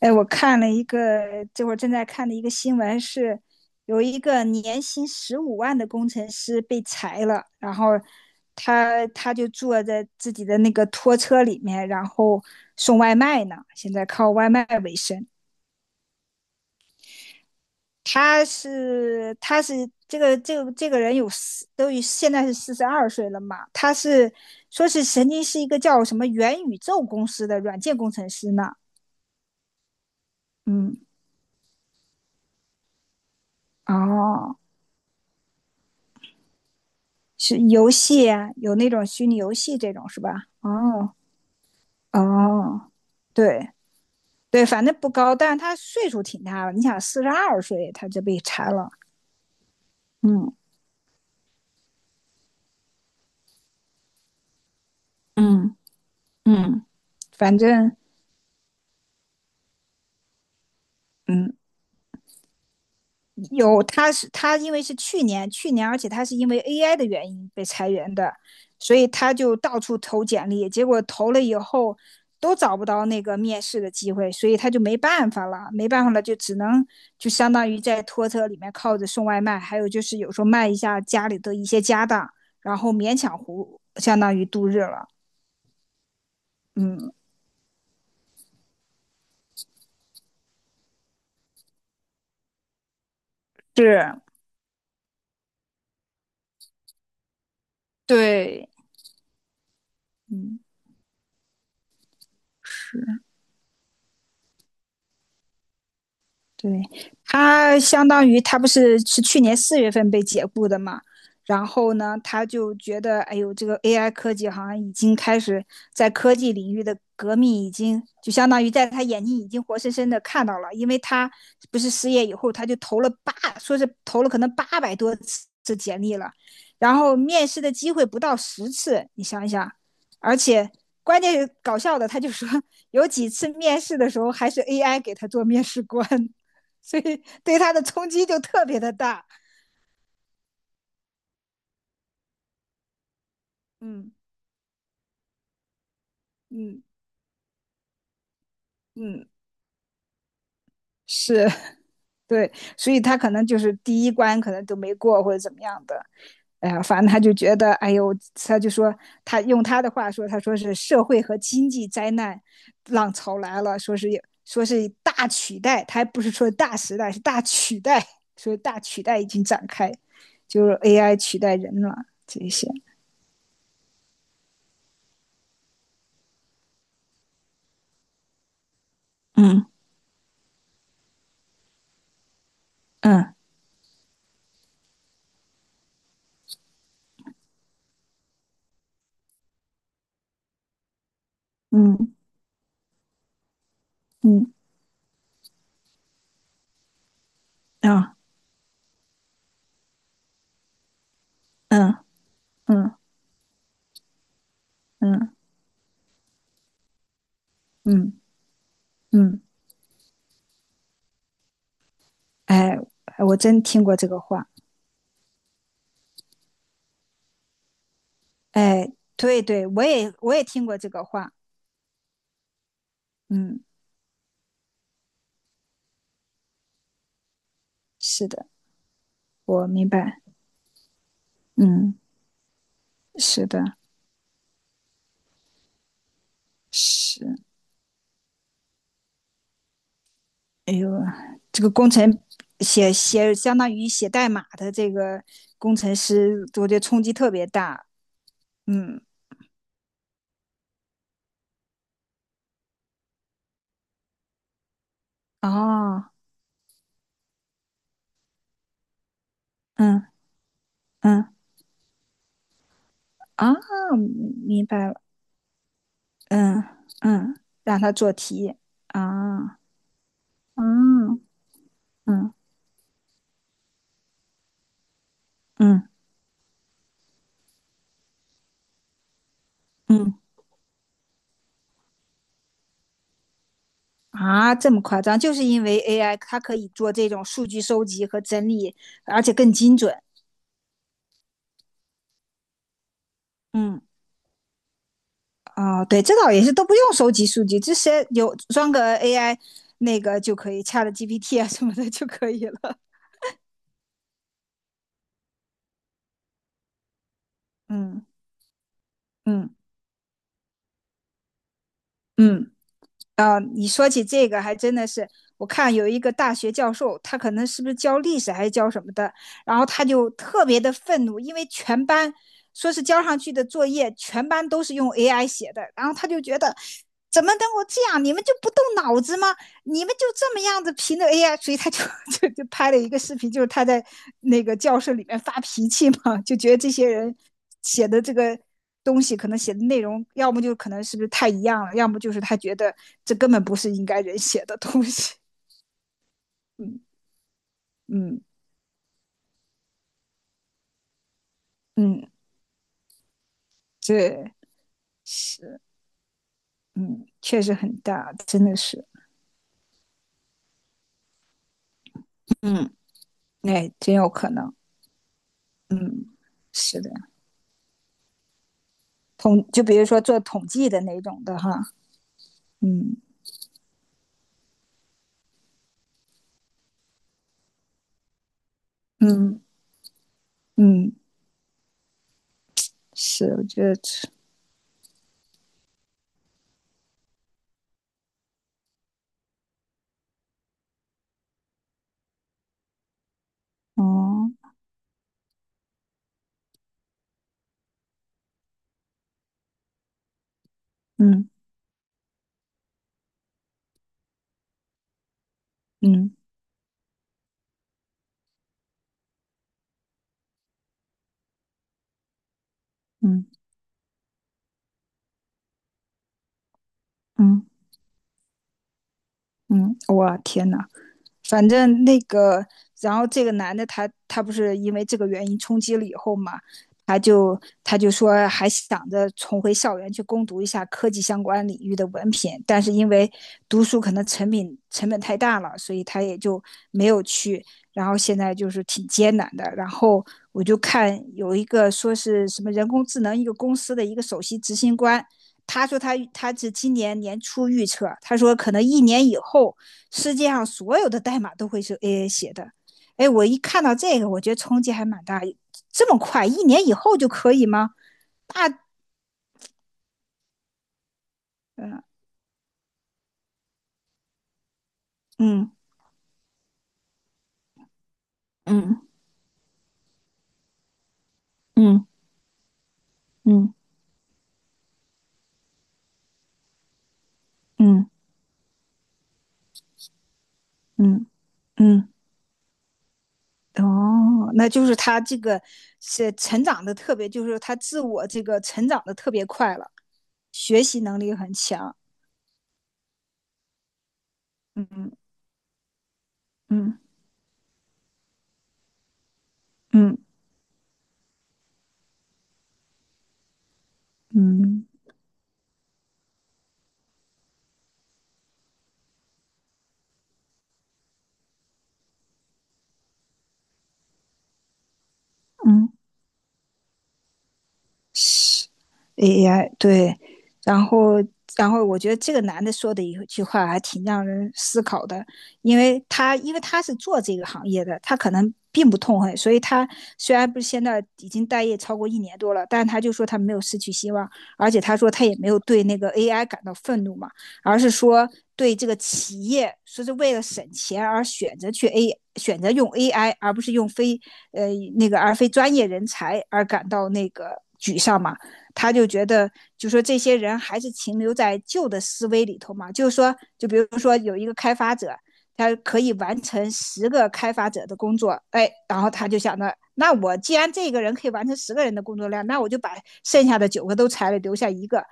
哎，我看了一个，这会儿正在看的一个新闻是，有一个年薪15万的工程师被裁了，然后他就坐在自己的那个拖车里面，然后送外卖呢，现在靠外卖为生。他是这个人有四都已现在是四十二岁了嘛，说是曾经是一个叫什么元宇宙公司的软件工程师呢。嗯。哦。是游戏啊，有那种虚拟游戏这种是吧？哦。哦，对对，反正不高，但是他岁数挺大了。你想，四十二岁他就被裁了。嗯嗯嗯。反正嗯有，他是他，因为是去年，而且他是因为 AI 的原因被裁员的，所以他就到处投简历，结果投了以后都找不到那个面试的机会，所以他就没办法了，就只能就相当于在拖车里面靠着送外卖，还有就是有时候卖一下家里的一些家当，然后勉强糊，相当于度日了。嗯，是，对，嗯，是。对，他相当于他不是去年4月份被解雇的嘛，然后呢，他就觉得，哎呦，这个 AI 科技好像已经开始在科技领域的革命，已经就相当于在他眼睛已经活生生的看到了，因为他不是失业以后，他就投了八，说是投了可能800多次简历了，然后面试的机会不到10次，你想一想，而且关键是搞笑的，他就说有几次面试的时候还是 AI 给他做面试官。所以对他的冲击就特别的大。嗯嗯嗯，是 对，所以他可能就是第一关可能都没过或者怎么样的。哎呀，反正他就觉得，哎呦，他就说，他用他的话说，他说是社会和经济灾难浪潮来了，说是大取代，他还不是说大时代，是大取代，说大取代已经展开，就是 AI 取代人了这些。嗯嗯嗯嗯啊嗯嗯嗯嗯。嗯嗯嗯嗯，哎，哎我真听过这个话，哎，对对，我也听过这个话，嗯，是的，我明白，嗯，是的，是，哎呦，这个工程写写相当于写代码的这个工程师，我觉得冲击特别大。嗯，哦，嗯嗯啊，明白了，嗯嗯，让他做题啊，嗯嗯嗯嗯。啊，这么夸张，就是因为 AI 它可以做这种数据收集和整理，而且更精准。嗯，哦，对，这倒也是都不用收集数据，这些有装个 AI 那个就可以，Chat GPT 啊什么的就可以了。嗯嗯嗯。啊，你说起这个，还真的是，我看有一个大学教授，他可能是不是教历史还是教什么的，然后他就特别的愤怒，因为全班说是交上去的作业，全班都是用 AI 写的，然后他就觉得，怎么能够这样？你们就不动脑子吗？你们就这么样子凭着 AI，所以他就 就拍了一个视频，就是他在那个教室里面发脾气嘛，就觉得这些人写的这个东西可能写的内容，要么就可能是不是太一样了，要么就是他觉得这根本不是应该人写的东西。嗯嗯嗯，这是嗯，确实很大，真的是，嗯，哎，真有可能，嗯，是的，就比如说做统计的那种的哈，嗯嗯嗯。是，我觉得，哦，嗯嗯嗯嗯嗯，哇，天哪！反正那个，然后这个男的他不是因为这个原因冲击了以后嘛，他就他就说还想着重回校园去攻读一下科技相关领域的文凭，但是因为读书可能成本太大了，所以他也就没有去。然后现在就是挺艰难的。然后我就看有一个说是什么人工智能一个公司的一个首席执行官，他说他是今年年初预测，他说可能一年以后，世界上所有的代码都会是 AI 写的。哎，我一看到这个，我觉得冲击还蛮大。这么快，一年以后就可以吗？大，嗯嗯嗯嗯嗯嗯嗯嗯，哦，那就是他这个是成长的特别，就是他自我这个成长的特别快了，学习能力很强。嗯嗯嗯嗯嗯，是 AI， 对，然后然后我觉得这个男的说的一句话还挺让人思考的，因为他是做这个行业的，他可能并不痛恨，所以他虽然不是现在已经待业超过一年多了，但他就说他没有失去希望，而且他说他也没有对那个 AI 感到愤怒嘛，而是说对这个企业说是为了省钱而选择用 AI 而不是用非呃那个而非专业人才而感到沮丧嘛。他就觉得，就说这些人还是停留在旧的思维里头嘛。就是说，就比如说有一个开发者，他可以完成十个开发者的工作，哎，然后他就想着，那我既然这个人可以完成十个人的工作量，那我就把剩下的九个都裁了，留下一个，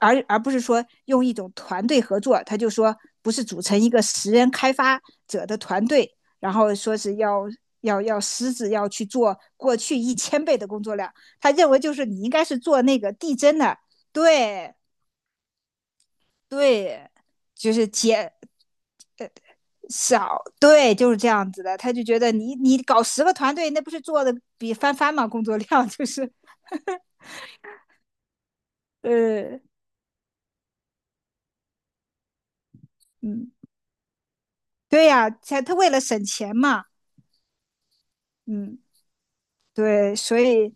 而不是说用一种团队合作。他就说，不是组成一个10人开发者的团队，然后说是要狮子要去做过去1000倍的工作量，他认为就是你应该是做那个递增的，对对，就是减少，对，就是这样子的，他就觉得你搞十个团队，那不是做的比翻番嘛，工作量就是呃嗯，对呀、才他为了省钱嘛，嗯，对，所以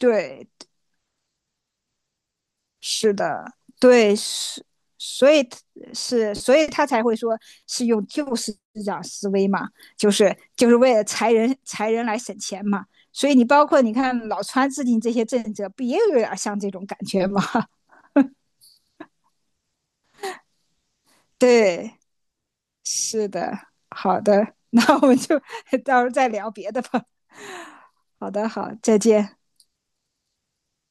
对是的，对，是，所以是，所以他才会说是用旧思维嘛，就是为了裁人来省钱嘛。所以你你看老川制定这些政策，不也有点像这种感觉吗？对，是的，好的，那我们就 到时候再聊别的吧。好的，好，再见。